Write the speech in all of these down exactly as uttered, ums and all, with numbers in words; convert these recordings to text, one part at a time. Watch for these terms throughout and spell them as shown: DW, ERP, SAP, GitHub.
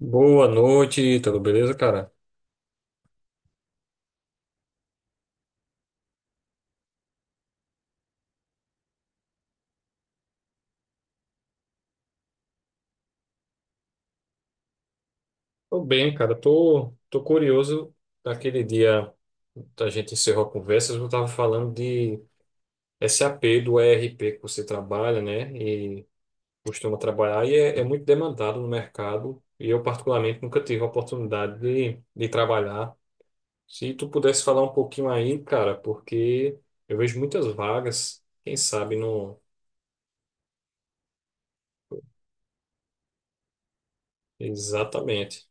Boa noite, tudo beleza, cara? Tô bem, cara. Tô, tô curioso daquele dia que a gente encerrou a conversa, eu tava falando de sapi, do E R P que você trabalha, né? E costuma trabalhar e é, é muito demandado no mercado. E eu, particularmente, nunca tive a oportunidade de, de trabalhar. Se tu pudesse falar um pouquinho aí, cara, porque eu vejo muitas vagas, quem sabe não. Exatamente.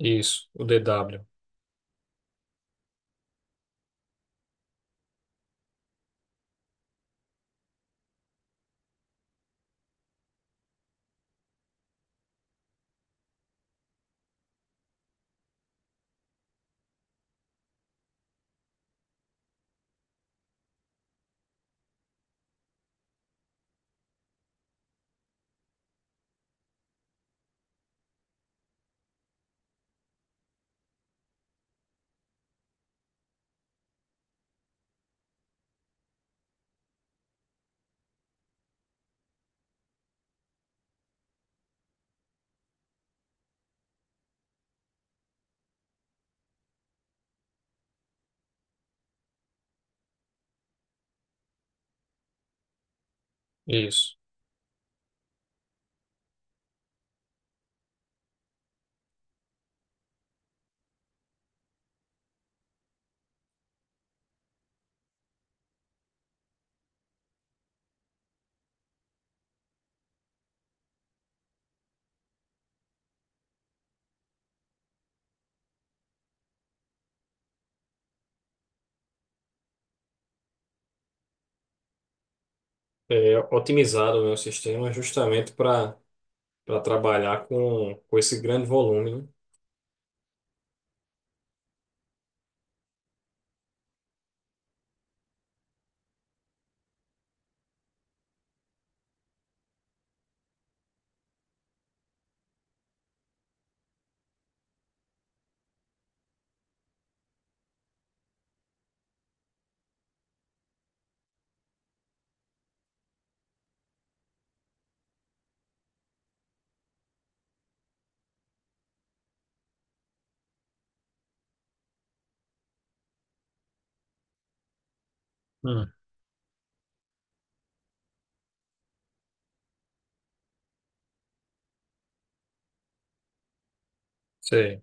Isso, o D W. Isso. É, otimizado, né, o sistema justamente para para trabalhar com, com esse grande volume, né? Hum, sei.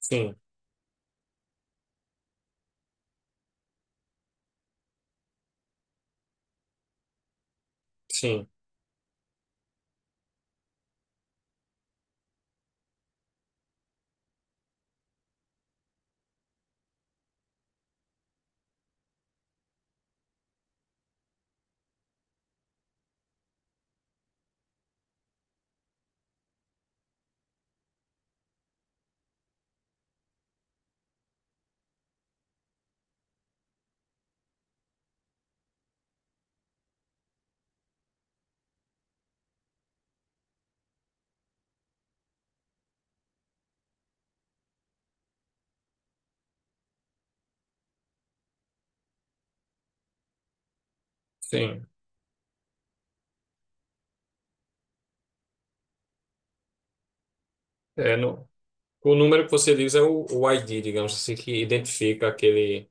Sim, sim, sim. É no, O número que você diz é o, o ai di, digamos assim, que identifica aquele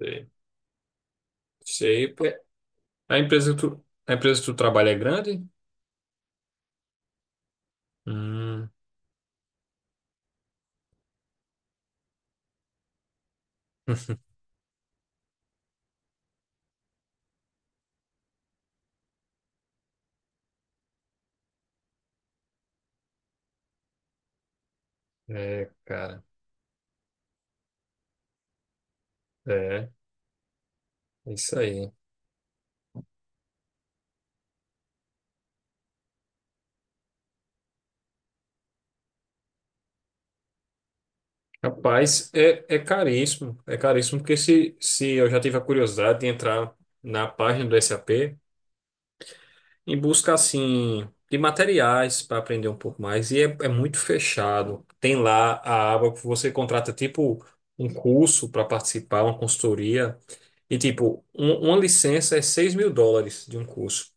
é, shape. A empresa que tu, a empresa que tu trabalha é grande? Hum. É, cara. É, é isso aí. Rapaz, é, é caríssimo. É caríssimo porque se, se eu já tive a curiosidade de entrar na página do sapi, em busca assim de materiais para aprender um pouco mais e é, é muito fechado. Tem lá a aba que você contrata tipo um curso para participar, uma consultoria e tipo um- uma licença é seis mil dólares de um curso.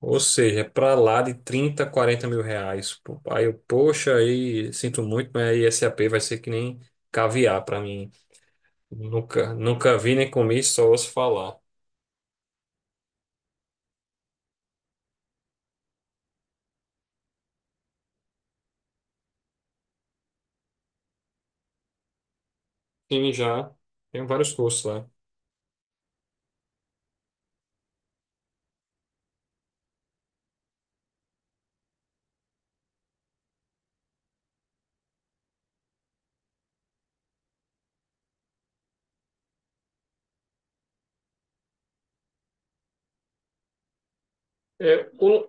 Ou seja, é para lá de trinta quarenta mil reais. Pô, aí eu, poxa, aí sinto muito, mas aí sapi vai ser que nem caviar para mim. Nunca, nunca vi nem comi, só ouço falar. E já tem vários cursos lá. É, o,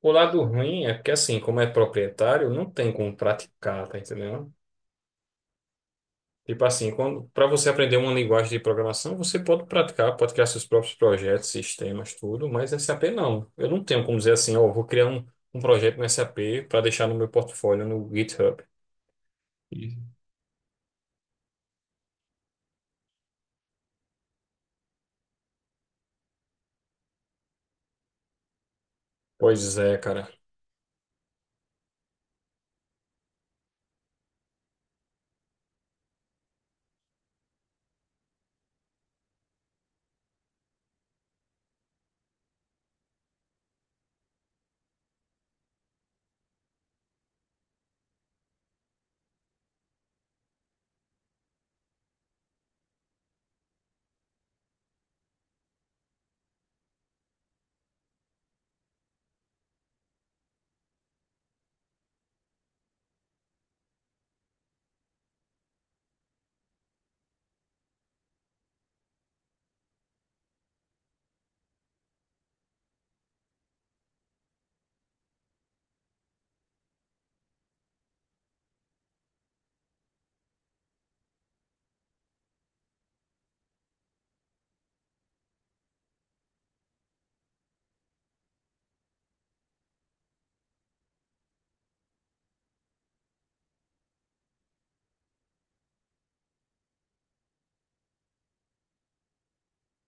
O lado ruim é porque, assim, como é proprietário, não tem como praticar, tá entendendo? Tipo assim, quando para você aprender uma linguagem de programação, você pode praticar, pode criar seus próprios projetos, sistemas, tudo, mas sapi não. Eu não tenho como dizer assim, ó, vou criar um, um projeto no sapi para deixar no meu portfólio no GitHub. E- Pois é, cara.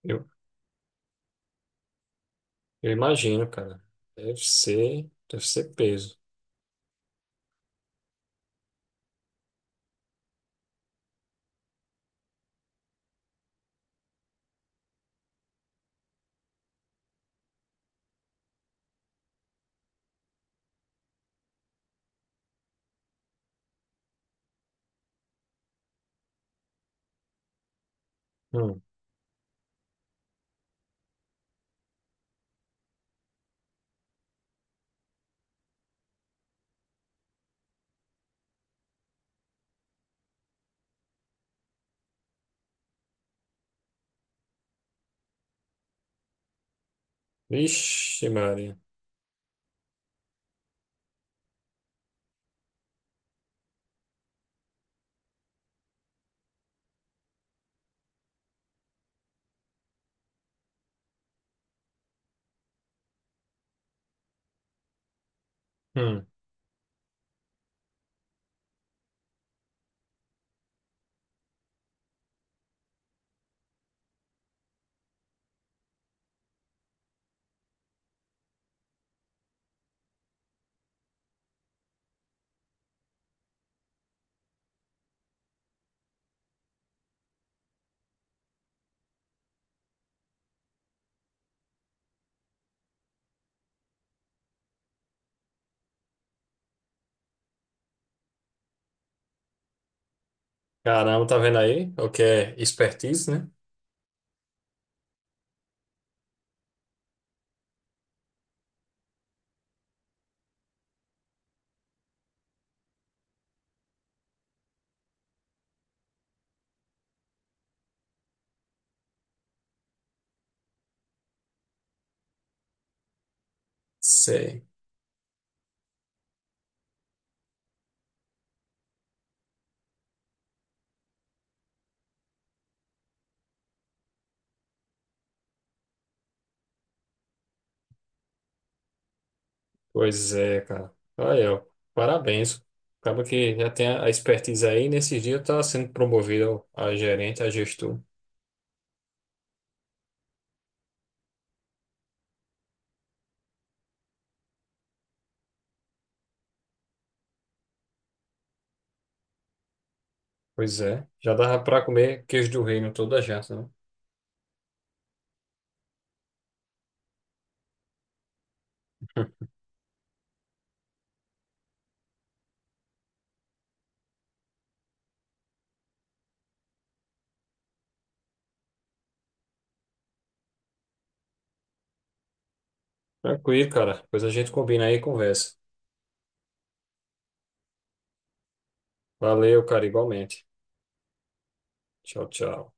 Eu, eu imagino, cara. Deve ser, deve ser peso. Hum. Vixe, Maria. Hum. Caramba, tá vendo aí? O que é expertise, né? Sei. Pois é, cara. Olha, ó, parabéns. Acaba que já tem a a expertise aí, e nesses dias tá sendo promovido a gerente, a gestor. Pois é, já dava pra comer queijo do reino toda a janta, né? Tranquilo, cara. Depois a gente combina aí e conversa. Valeu, cara, igualmente. Tchau, tchau.